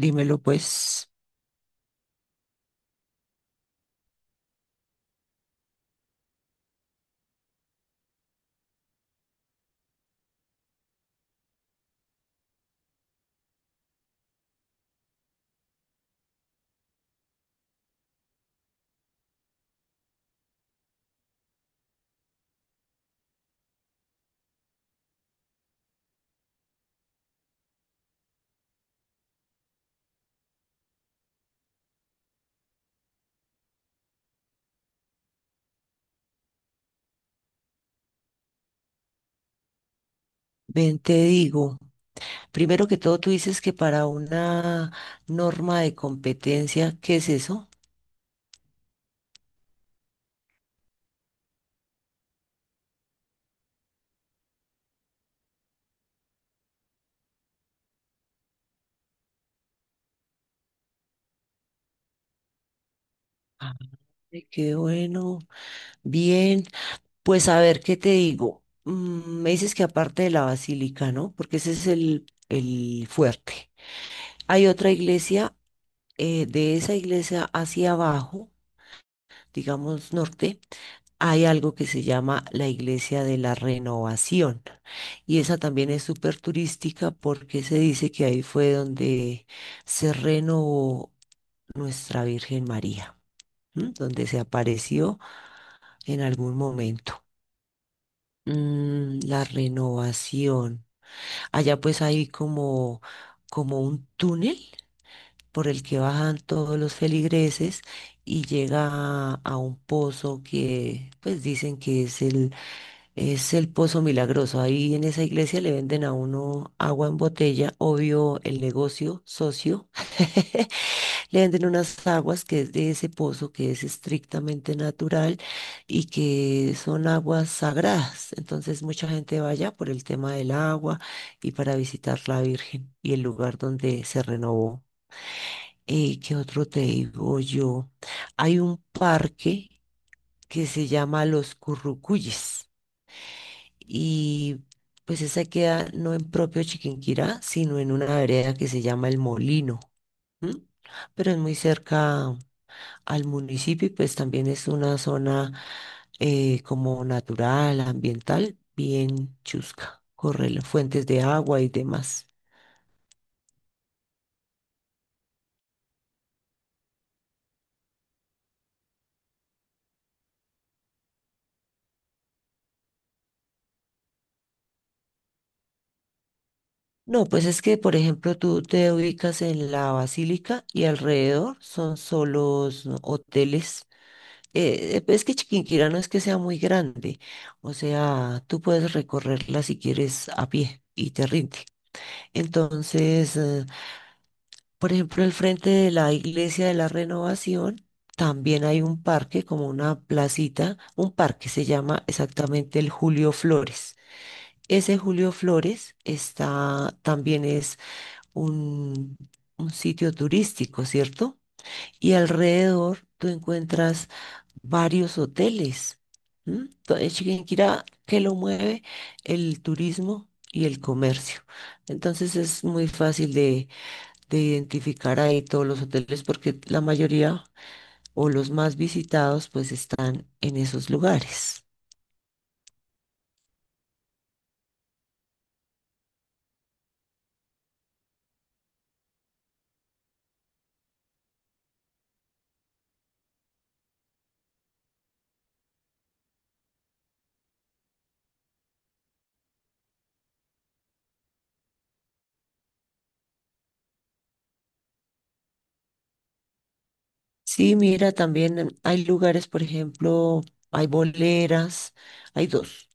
Dímelo pues, ven, te digo. Primero que todo, tú dices que para una norma de competencia, ¿qué es eso? Ay, qué bueno, bien. Pues a ver, ¿qué te digo? Mm, me dices que aparte de la basílica, ¿no? Porque ese es el fuerte. Hay otra iglesia, de esa iglesia hacia abajo, digamos norte. Hay algo que se llama la Iglesia de la Renovación y esa también es súper turística porque se dice que ahí fue donde se renovó nuestra Virgen María, ¿m? Donde se apareció en algún momento. Mm, la renovación. Allá pues hay como, como un túnel por el que bajan todos los feligreses y llega a un pozo que pues dicen que es el Es el Pozo Milagroso. Ahí en esa iglesia le venden a uno agua en botella, obvio el negocio, socio. Le venden unas aguas que es de ese pozo, que es estrictamente natural y que son aguas sagradas. Entonces mucha gente va allá por el tema del agua y para visitar la Virgen y el lugar donde se renovó. ¿Qué otro te digo yo? Hay un parque que se llama Los Currucuyes y pues esa queda no en propio Chiquinquirá, sino en una vereda que se llama El Molino, ¿m? Pero es muy cerca al municipio y pues también es una zona como natural, ambiental, bien chusca, corre las fuentes de agua y demás. No, pues es que, por ejemplo, tú te ubicas en la Basílica y alrededor son solos hoteles. Es que Chiquinquirá no es que sea muy grande, o sea, tú puedes recorrerla si quieres a pie y te rinde. Entonces, por ejemplo, al frente de la Iglesia de la Renovación también hay un parque, como una placita, un parque se llama exactamente el Julio Flores. Ese Julio Flores está, también es un, un sitio turístico, ¿cierto? Y alrededor tú encuentras varios hoteles. ¿M? Chiquinquirá, ¿que lo mueve? El turismo y el comercio. Entonces es muy fácil de identificar ahí todos los hoteles porque la mayoría o los más visitados pues están en esos lugares. Sí, mira, también hay lugares, por ejemplo, hay boleras, hay dos,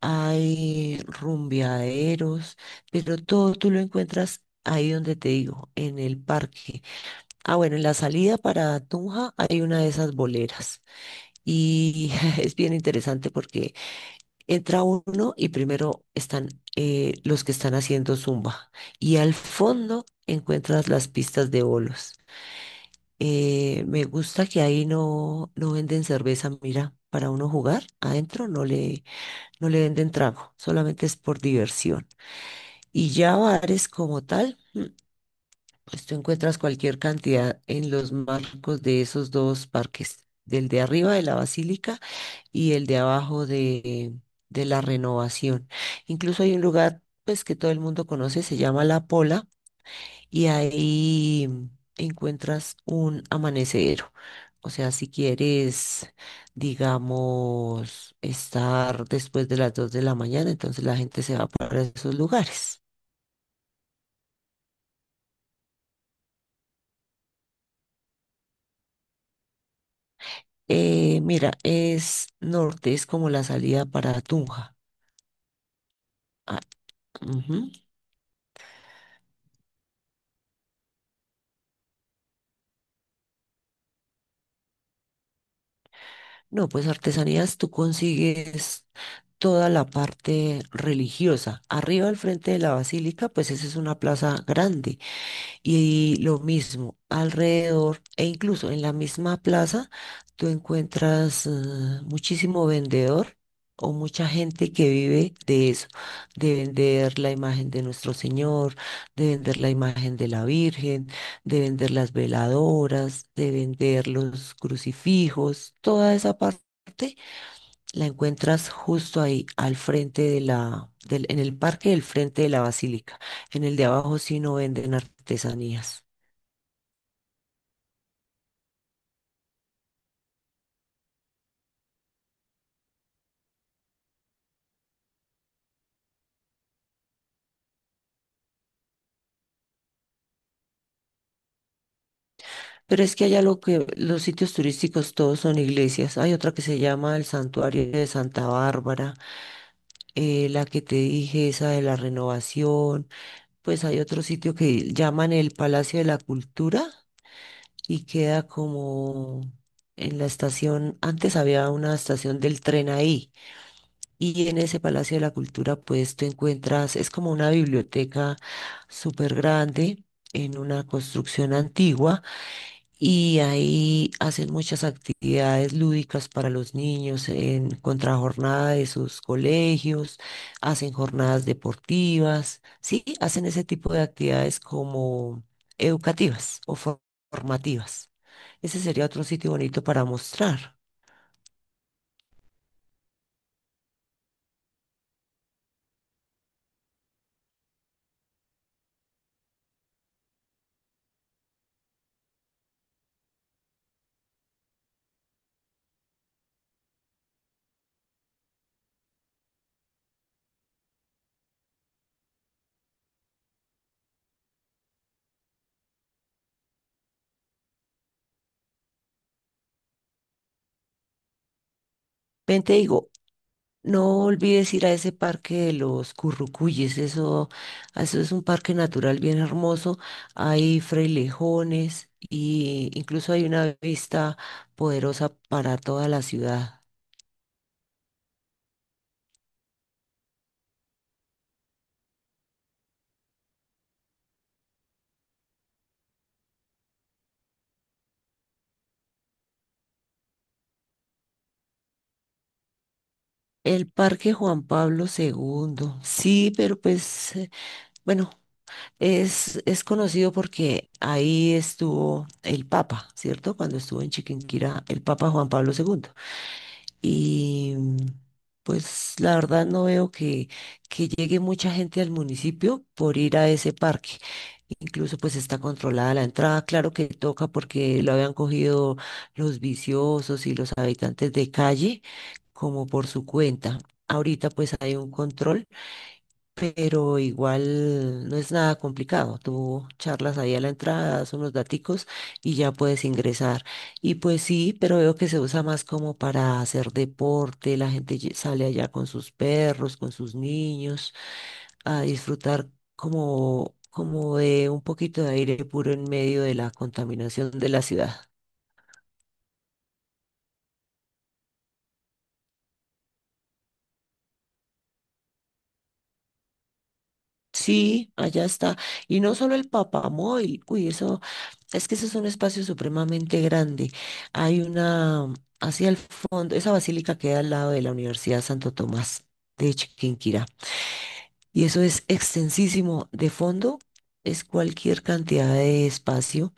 hay rumbeaderos, pero todo tú lo encuentras ahí donde te digo, en el parque. Ah, bueno, en la salida para Tunja hay una de esas boleras y es bien interesante porque entra uno y primero están los que están haciendo zumba y al fondo encuentras las pistas de bolos. Me gusta que ahí no, no venden cerveza, mira, para uno jugar adentro no le venden trago, solamente es por diversión. Y ya bares como tal. Pues tú encuentras cualquier cantidad en los marcos de esos dos parques, del de arriba de la Basílica y el de abajo de la Renovación. Incluso hay un lugar pues que todo el mundo conoce, se llama La Pola, y ahí encuentras un amanecedero. O sea, si quieres, digamos, estar después de las 2 de la mañana, entonces la gente se va para esos lugares. Mira, es norte, es como la salida para Tunja. Ah, ujú. No, pues artesanías tú consigues toda la parte religiosa. Arriba al frente de la basílica, pues esa es una plaza grande. Y lo mismo, alrededor e incluso en la misma plaza, tú encuentras muchísimo vendedor o mucha gente que vive de eso, de vender la imagen de nuestro Señor, de vender la imagen de la Virgen, de vender las veladoras, de vender los crucifijos, toda esa parte la encuentras justo ahí, al frente de en el parque del frente de la basílica. En el de abajo sí no venden artesanías. Pero es que allá lo que los sitios turísticos todos son iglesias. Hay otra que se llama el Santuario de Santa Bárbara, la que te dije, esa de la Renovación. Pues hay otro sitio que llaman el Palacio de la Cultura y queda como en la estación. Antes había una estación del tren ahí y en ese Palacio de la Cultura pues tú encuentras, es como una biblioteca súper grande en una construcción antigua y ahí hacen muchas actividades lúdicas para los niños en contrajornada de sus colegios, hacen jornadas deportivas, sí, hacen ese tipo de actividades como educativas o formativas. Ese sería otro sitio bonito para mostrar. Ven, te digo, no olvides ir a ese parque de los Currucuyes, eso es un parque natural bien hermoso. Hay frailejones y incluso hay una vista poderosa para toda la ciudad. El Parque Juan Pablo II, sí, pero pues, bueno, es conocido porque ahí estuvo el Papa, ¿cierto? Cuando estuvo en Chiquinquirá el Papa Juan Pablo II. Y pues la verdad no veo que llegue mucha gente al municipio por ir a ese parque. Incluso pues está controlada la entrada, claro que toca porque lo habían cogido los viciosos y los habitantes de calle como por su cuenta. Ahorita pues hay un control pero igual no es nada complicado. Tú charlas ahí a la entrada, das unos daticos y ya puedes ingresar. Y pues sí, pero veo que se usa más como para hacer deporte, la gente sale allá con sus perros, con sus niños, a disfrutar como, como de un poquito de aire puro en medio de la contaminación de la ciudad. Sí, allá está. Y no solo el Papamóvil, uy, eso, es que eso es un espacio supremamente grande. Hay una, hacia el fondo, esa basílica queda al lado de la Universidad Santo Tomás de Chiquinquirá. Y eso es extensísimo. De fondo es cualquier cantidad de espacio.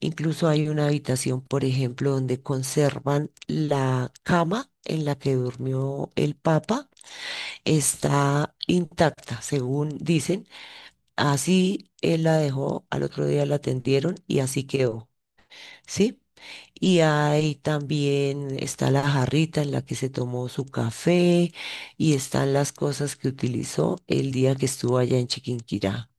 Incluso hay una habitación, por ejemplo, donde conservan la cama en la que durmió el Papa. Está intacta, según dicen. Así él la dejó, al otro día la atendieron y así quedó, ¿sí? Y ahí también está la jarrita en la que se tomó su café y están las cosas que utilizó el día que estuvo allá en Chiquinquirá.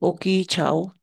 Ok, chao.